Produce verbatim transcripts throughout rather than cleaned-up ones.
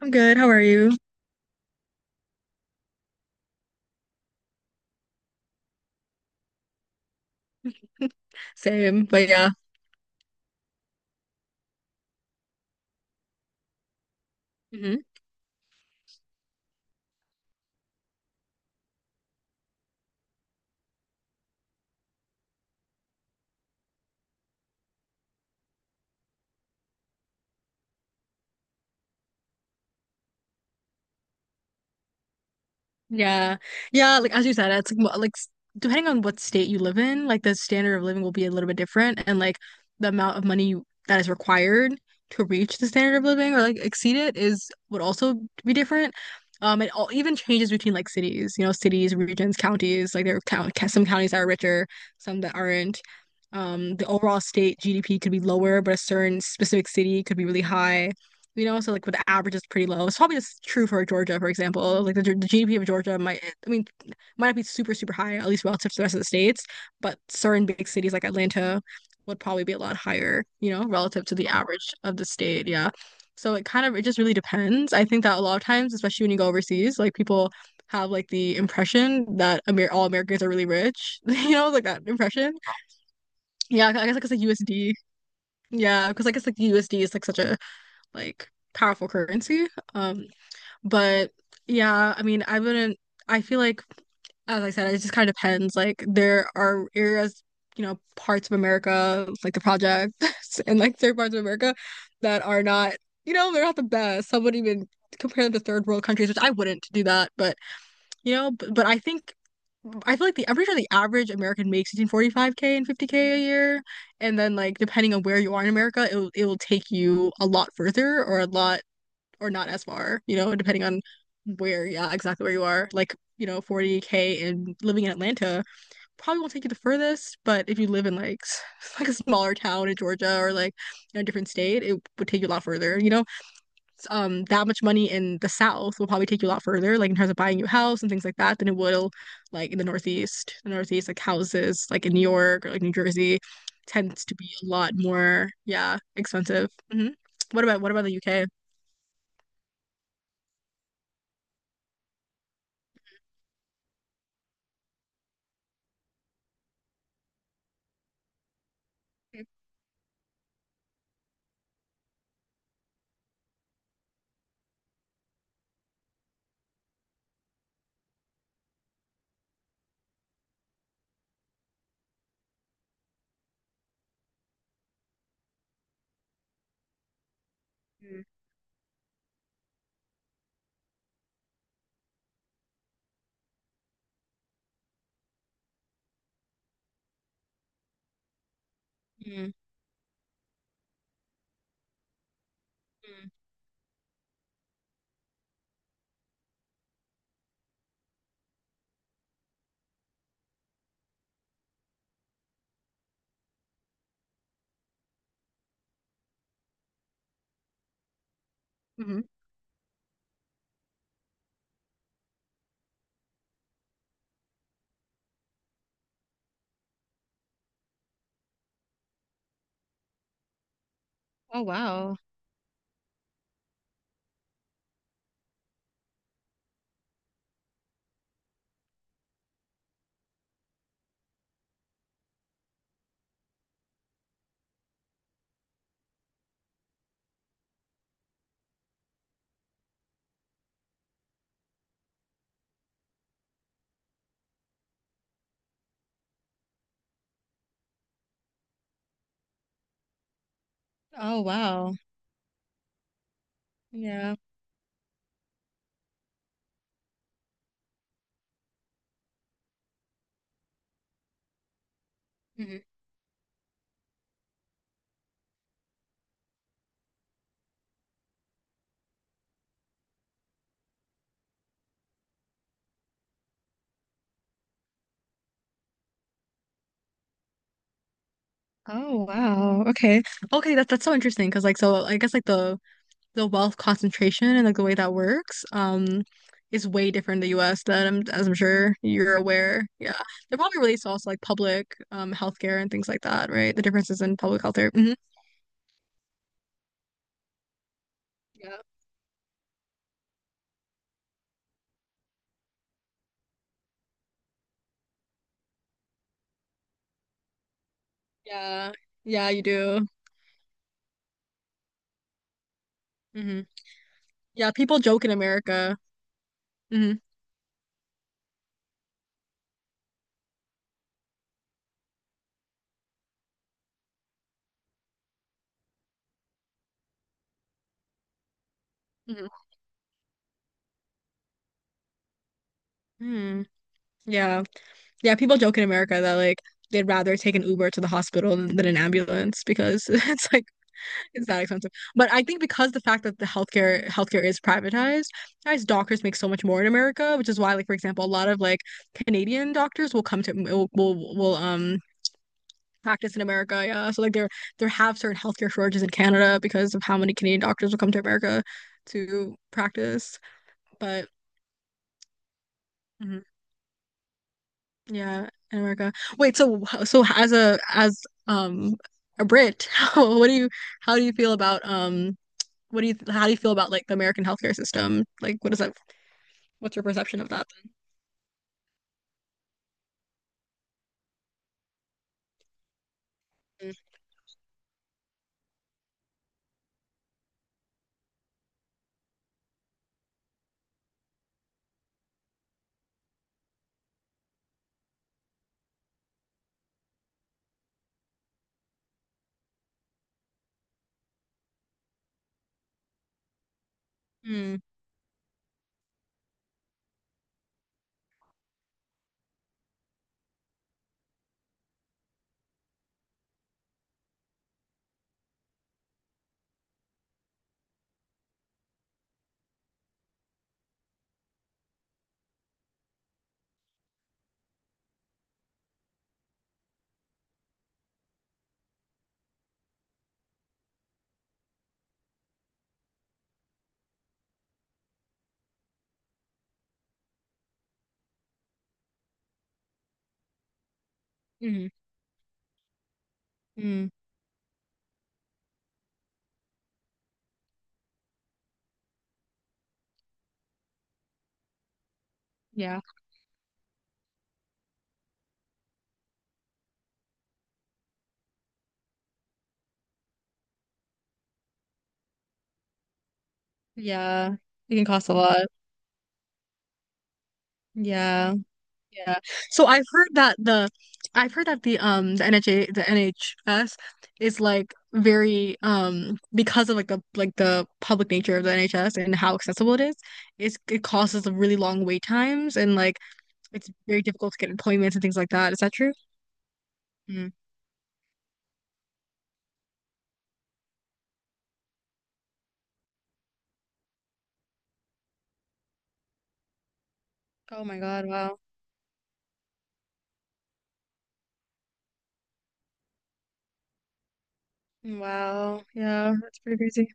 I'm good. How are you? Same. But yeah. Hmm. Yeah. Yeah, like as you said, it's like mo- like s- depending on what state you live in, like the standard of living will be a little bit different and like the amount of money you, that is required to reach the standard of living or like exceed it is would also be different. Um, it all even changes between like cities, you know, cities, regions, counties. Like there are count some counties that are richer, some that aren't. Um, the overall state G D P could be lower, but a certain specific city could be really high. You know, so like with the average is pretty low. It's probably just true for Georgia, for example. Like the, the G D P of Georgia might, I mean, might not be super, super high, at least relative to the rest of the states, but certain big cities like Atlanta would probably be a lot higher, you know, relative to the average of the state. Yeah. So it kind of, it just really depends. I think that a lot of times, especially when you go overseas, like people have like the impression that Amer all Americans are really rich, you know, like that impression. Yeah. I guess like it's like U S D. Yeah. Because I guess like the U S D is like such a, like powerful currency. Um, but yeah, I mean, I wouldn't, I feel like, as I said, it just kind of depends. Like, there are areas, you know, parts of America, like the projects and like certain parts of America that are not, you know, they're not the best. Some would even compare them to third world countries, which I wouldn't do that. But, you know, but, but I think I feel like the I'm pretty sure the average American makes between forty-five k and fifty k a year, and then like depending on where you are in America, it it will take you a lot further or a lot or not as far, you know, depending on where, yeah, exactly where you are. Like, you know, forty k and living in Atlanta probably won't take you the furthest, but if you live in like s- like a smaller town in Georgia or like in a different state, it would take you a lot further, you know? S- Um, that much money in the South will probably take you a lot further, like in terms of buying a new house and things like that, than it will like in the Northeast. The Northeast, like houses like in New York or like New Jersey tends to be a lot more, yeah, expensive. Hmm. What about what about the U K? Mm, mm, mm. Hmm. Oh wow. Oh wow. Yeah. Hmm. Oh wow. Okay. Okay, that's that's so interesting because like so I guess like the the wealth concentration and like the way that works um is way different in the U S than I'm, as I'm sure you're aware. Yeah. They're probably relates to also like public um healthcare and things like that, right? The differences in public healthcare. Hmm. Yeah. Yeah. Yeah, you do. Hmm. Yeah, people joke in America. Hmm. Hmm. Hmm. Yeah. Yeah, people joke in America that like they'd rather take an Uber to the hospital than than an ambulance because it's like it's that expensive. But I think because the fact that the healthcare healthcare is privatized, guys, doctors make so much more in America, which is why like for example, a lot of like Canadian doctors will come to will will, will um practice in America. Yeah, so like there there have certain healthcare shortages in Canada because of how many Canadian doctors will come to America to practice. But mhm. Yeah, in America. Wait, so so as a as um a Brit, how, what do you how do you feel about um what do you how do you feel about like the American healthcare system? Like what is that what's your perception of that? Mm, mm, mm, mm. Yeah. Yeah. It can cost a lot. Yeah. Yeah. So I've heard that the I've heard that the um the N H A the N H S is like very um because of like the like the public nature of the N H S and how accessible it is, it's, it causes a really long wait times and like it's very difficult to get appointments and things like that. Is that true? Mm. Oh my God, wow. Wow. Yeah, that's pretty crazy.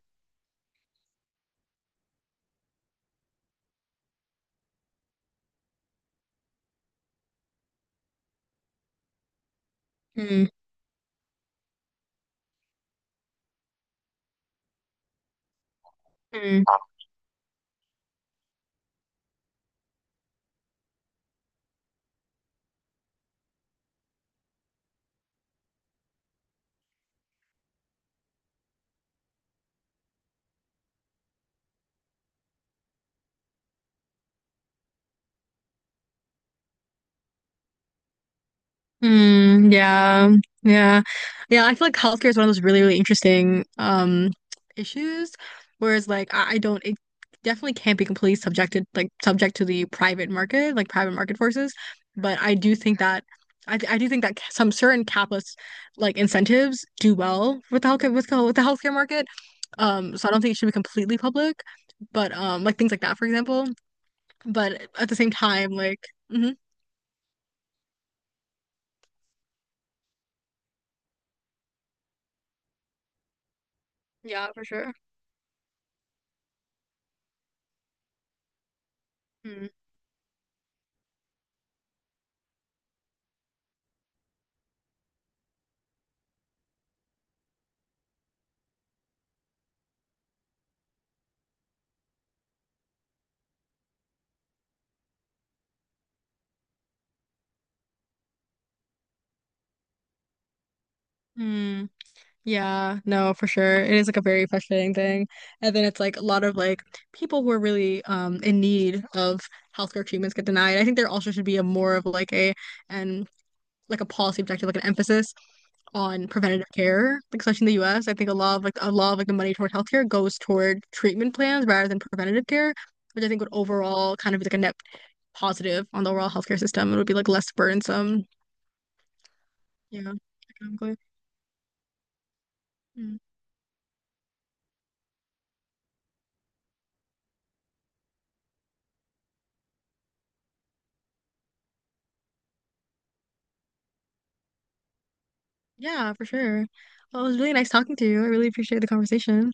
Mm. Mm. Mm, yeah, yeah, yeah. I feel like healthcare is one of those really, really interesting um issues. Whereas, like, I, I don't, it definitely can't be completely subjected, like, subject to the private market, like private market forces. But I do think that I, I do think that some certain capitalist like incentives do well with the healthcare with, the- with the healthcare market. Um, so I don't think it should be completely public, but um, like things like that, for example. But at the same time, like, mhm. Yeah, for sure. Mm. Yeah, no, for sure. It is like a very frustrating thing. And then it's like a lot of like people who are really um in need of healthcare treatments get denied. I think there also should be a more of like a and like a policy objective, like an emphasis on preventative care, like especially in the U S. I think a lot of like a lot of like the money toward healthcare goes toward treatment plans rather than preventative care, which I think would overall kind of be like a net positive on the overall healthcare system. It would be like less burdensome, yeah, economically. Hmm. Yeah, for sure. Well, it was really nice talking to you. I really appreciate the conversation.